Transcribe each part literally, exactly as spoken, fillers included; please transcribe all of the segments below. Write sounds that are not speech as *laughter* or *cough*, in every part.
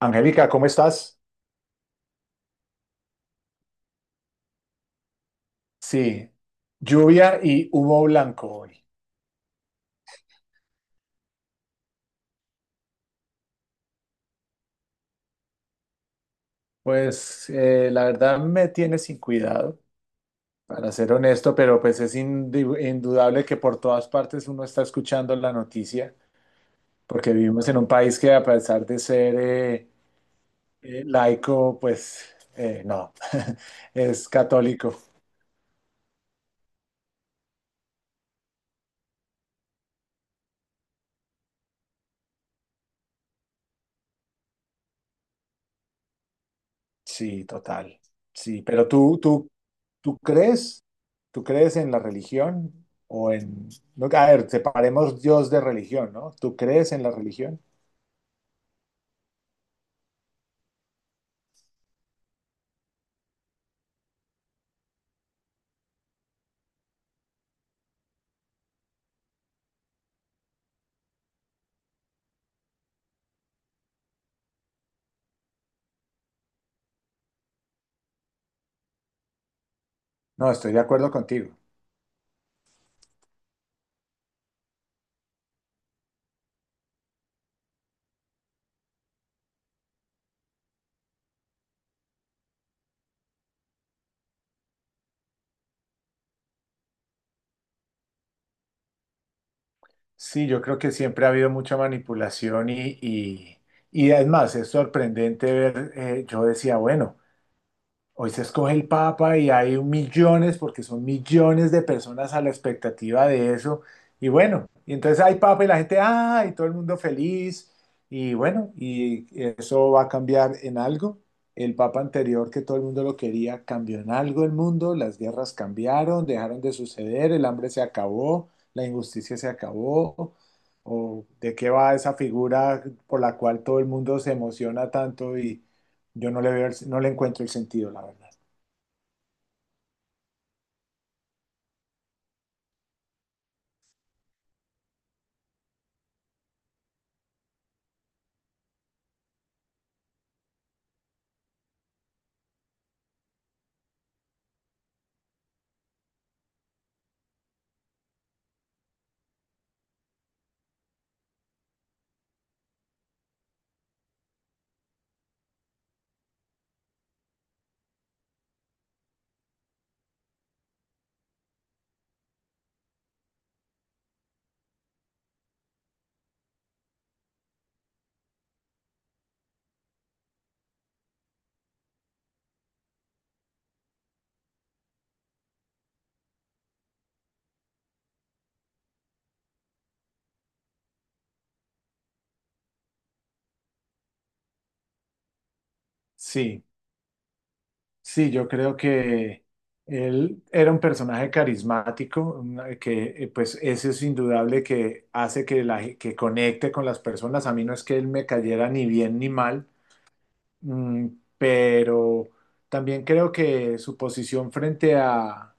Angélica, ¿cómo estás? Sí, lluvia y humo blanco hoy. Pues eh, la verdad me tiene sin cuidado, para ser honesto, pero pues es indu- indudable que por todas partes uno está escuchando la noticia, porque vivimos en un país que a pesar de ser eh, eh, laico, pues eh, no, *laughs* es católico. Sí, total. Sí, pero tú, tú, tú crees, ¿tú crees en la religión o en...? No, a ver, separemos Dios de religión, ¿no? ¿Tú crees en la religión? No, estoy de acuerdo contigo. Sí, yo creo que siempre ha habido mucha manipulación y, y, y es más, es sorprendente ver, eh, yo decía, bueno. Hoy se escoge el Papa y hay millones, porque son millones de personas a la expectativa de eso. Y bueno, y entonces hay Papa y la gente, ah, y todo el mundo feliz. Y bueno, y eso va a cambiar en algo. El Papa anterior, que todo el mundo lo quería, cambió en algo el mundo. Las guerras cambiaron, dejaron de suceder, el hambre se acabó, la injusticia se acabó. ¿O de qué va esa figura por la cual todo el mundo se emociona tanto y yo no le veo, el- no le encuentro el sentido, la verdad? Sí, sí, yo creo que él era un personaje carismático, una- que eh, pues eso es indudable que hace que, la, ge- que conecte con las personas. A mí no es que él me cayera ni bien ni mal, mm, pero también creo que su posición frente a,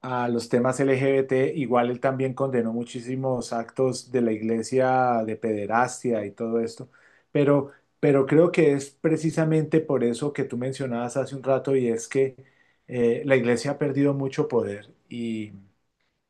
a los temas L G B T, igual él también condenó muchísimos actos de la iglesia de pederastia y todo esto, pero, pero creo que es precisamente por eso que tú mencionabas hace un rato y es que eh, la iglesia ha perdido mucho poder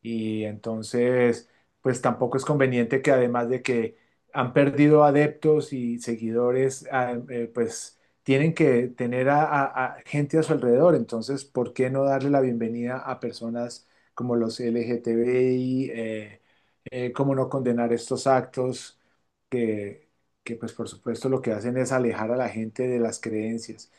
y entonces, pues tampoco es conveniente que además de que han perdido adeptos y seguidores, ah, eh, pues tienen que tener a, a- a gente a su alrededor. Entonces, ¿por qué no darle la bienvenida a personas como los L G T B I? Eh, eh, ¿cómo no condenar estos actos que, que, pues por supuesto lo que hacen es alejar a la gente de las creencias?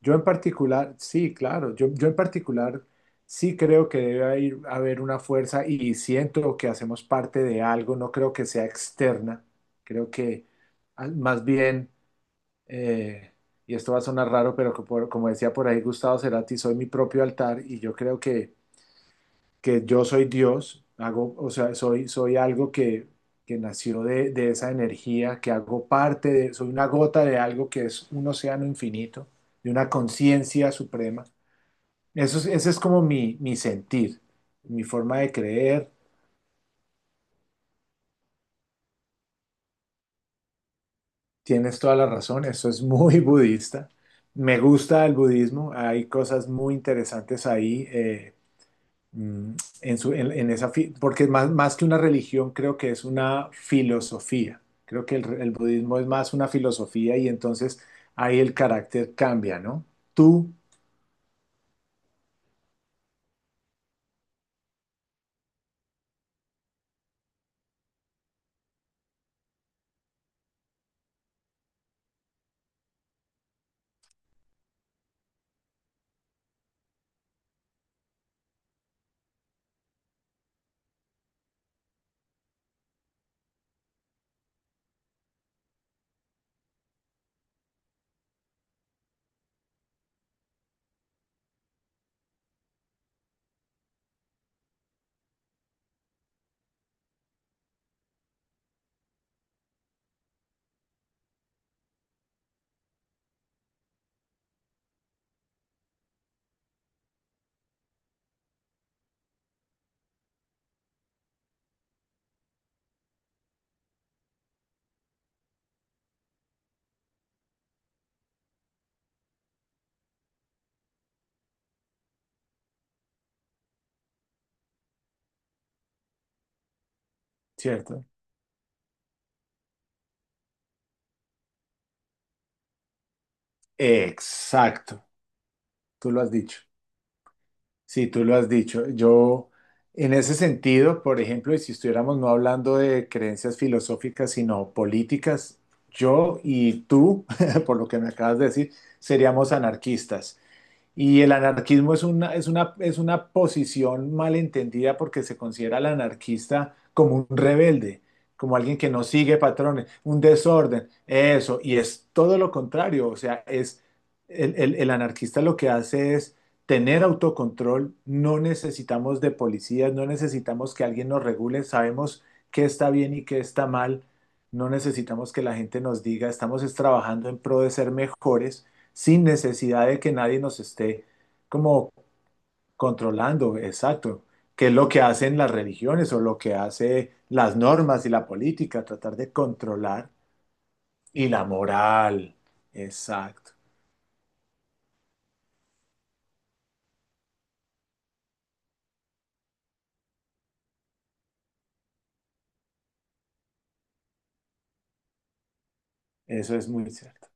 Yo en particular, sí, claro, yo, yo en particular sí creo que debe haber, haber una fuerza y siento que hacemos parte de algo, no creo que sea externa, creo que ah, más bien, eh, y esto va a sonar raro, pero como, como decía por ahí Gustavo Cerati, soy mi propio altar y yo creo que que yo soy Dios, hago, o sea, soy, soy algo que, que nació de, de esa energía, que hago parte de, soy una gota de algo que es un océano infinito, de una conciencia suprema. Eso es, ese es como mi, mi sentir, mi forma de creer. Tienes toda la razón, eso es muy *laughs* budista. Me gusta el budismo, hay cosas muy interesantes ahí. eh, mm, en su, en, en esa, fi- porque más, más que una religión creo que es una filosofía. Creo que el, el budismo es más una filosofía y entonces ahí el carácter cambia, ¿no? Tú, ¿cierto? Exacto, tú lo has dicho. Sí, tú lo has dicho. Yo, en ese sentido, por ejemplo, y si estuviéramos no hablando de creencias filosóficas, sino políticas, yo y tú, *laughs* por lo que me acabas de decir, seríamos anarquistas. Y el anarquismo es una, es una, es una posición malentendida porque se considera al anarquista como un rebelde, como alguien que no sigue patrones, un desorden, eso. Y es todo lo contrario, o sea, es el, el- el anarquista lo que hace es tener autocontrol, no necesitamos de policías, no necesitamos que alguien nos regule, sabemos qué está bien y qué está mal, no necesitamos que la gente nos diga, estamos es trabajando en pro de ser mejores sin necesidad de que nadie nos esté como controlando, exacto, que es lo que hacen las religiones o lo que hace las normas y la política, tratar de controlar y la moral, exacto, eso es muy cierto.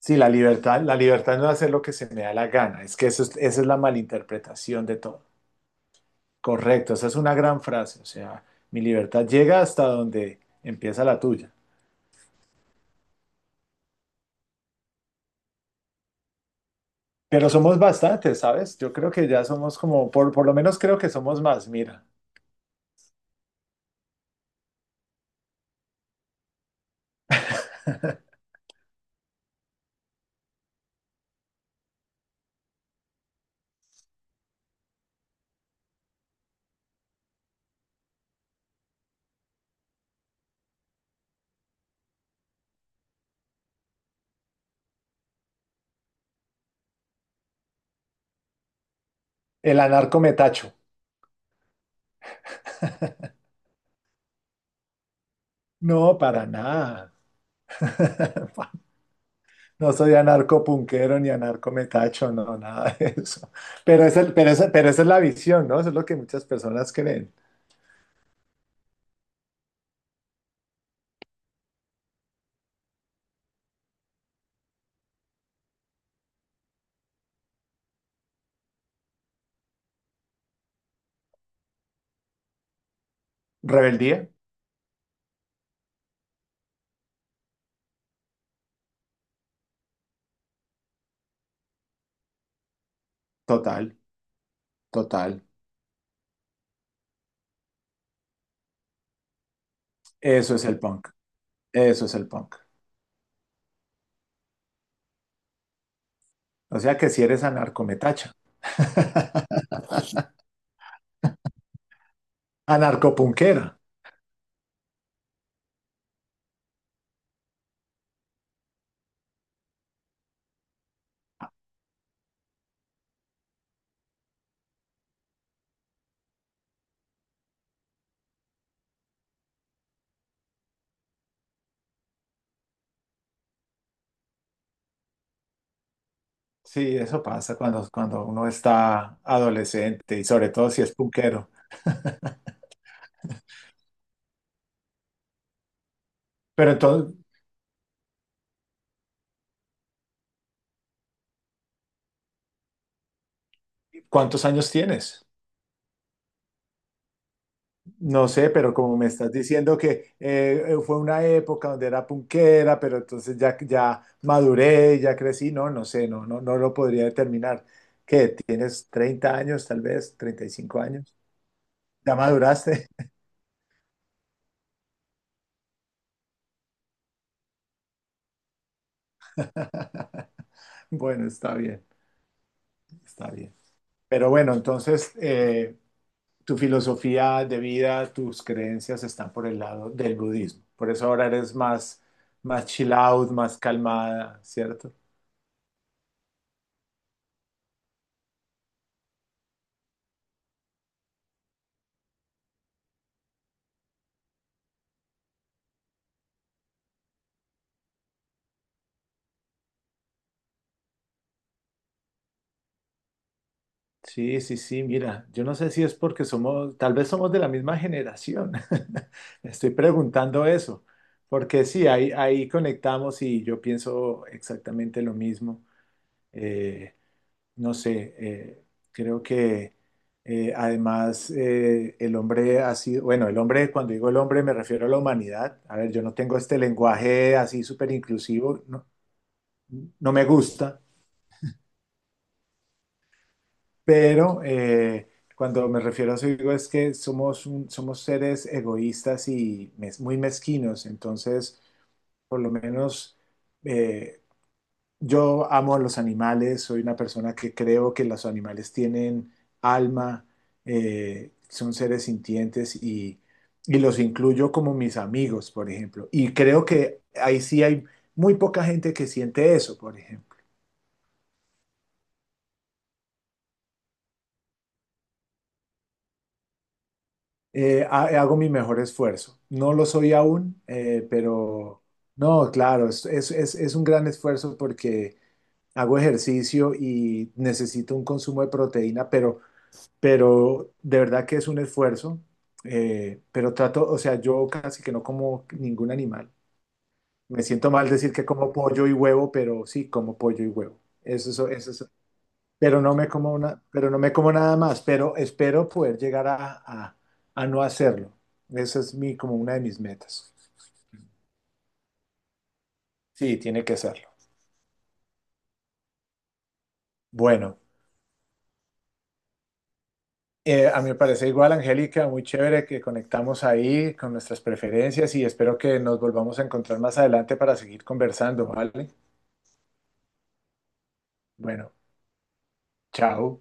Sí, la libertad, la libertad no es hacer lo que se me da la gana, es que eso es- esa es la malinterpretación de todo. Correcto, esa es una gran frase, o sea, mi libertad llega hasta donde empieza la tuya. Pero somos bastantes, ¿sabes? Yo creo que ya somos como, por, por lo menos creo que somos más, mira. El anarcometacho. No, para nada. *laughs* No soy anarco punquero ni anarcometacho, no, nada de eso. Pero, es el, pero, esa- pero esa es la visión, ¿no? Eso es lo que muchas personas creen. Rebeldía, total, total. Eso es el punk. Eso es el punk. O sea que si eres anarco me *laughs* anarcopunquera. Sí, eso pasa cuando, cuando uno está adolescente y sobre todo si es punquero. Pero entonces, ¿cuántos años tienes? No sé, pero como me estás diciendo que eh, eh, fue una época donde era punquera, pero entonces ya, ya maduré, ya crecí, no, no sé, no, no, no lo podría determinar. ¿Qué? ¿Tienes treinta años, tal vez? ¿treinta y cinco años? ¿Ya maduraste? *laughs* Bueno, está bien, está bien. Pero bueno, entonces, eh, tu filosofía de vida, tus creencias están por el lado del budismo. Por eso ahora eres más, más chill out, más calmada, ¿cierto? Sí, sí, sí, mira, yo no sé si es porque somos, tal vez somos de la misma generación. *laughs* Me estoy preguntando eso, porque sí, ahí, ahí conectamos y yo pienso exactamente lo mismo. Eh, no sé, eh, creo que eh, además eh, el hombre ha sido, bueno, el hombre, cuando digo el hombre me refiero a la humanidad. A ver, yo no tengo este lenguaje así súper inclusivo, no, no me gusta, pero eh, cuando me refiero a eso digo es que somos, un- somos seres egoístas y mez- muy mezquinos, entonces por lo menos... eh, yo amo a los animales, soy una persona que creo que los animales tienen alma, eh, son seres sintientes y, y los incluyo como mis amigos, por ejemplo. Y creo que ahí sí hay muy poca gente que siente eso, por ejemplo. Eh, ha- hago mi mejor esfuerzo. No lo soy aún, eh, pero no, claro, es, es, es es un gran esfuerzo porque hago ejercicio y necesito un consumo de proteína, pero... pero de verdad que es un esfuerzo, eh, pero trato, o sea, yo casi que no como ningún animal. Me siento mal decir que como pollo y huevo, pero sí, como pollo y huevo. Eso, eso, eso, es- Pero no me como una, pero no me como nada más, pero espero poder llegar a, a, a no hacerlo. Esa es mi, como una de mis metas. Sí, tiene que serlo. Bueno, eh, a mí me parece igual, Angélica, muy chévere que conectamos ahí con nuestras preferencias y espero que nos volvamos a encontrar más adelante para seguir conversando, ¿vale? Bueno, chao.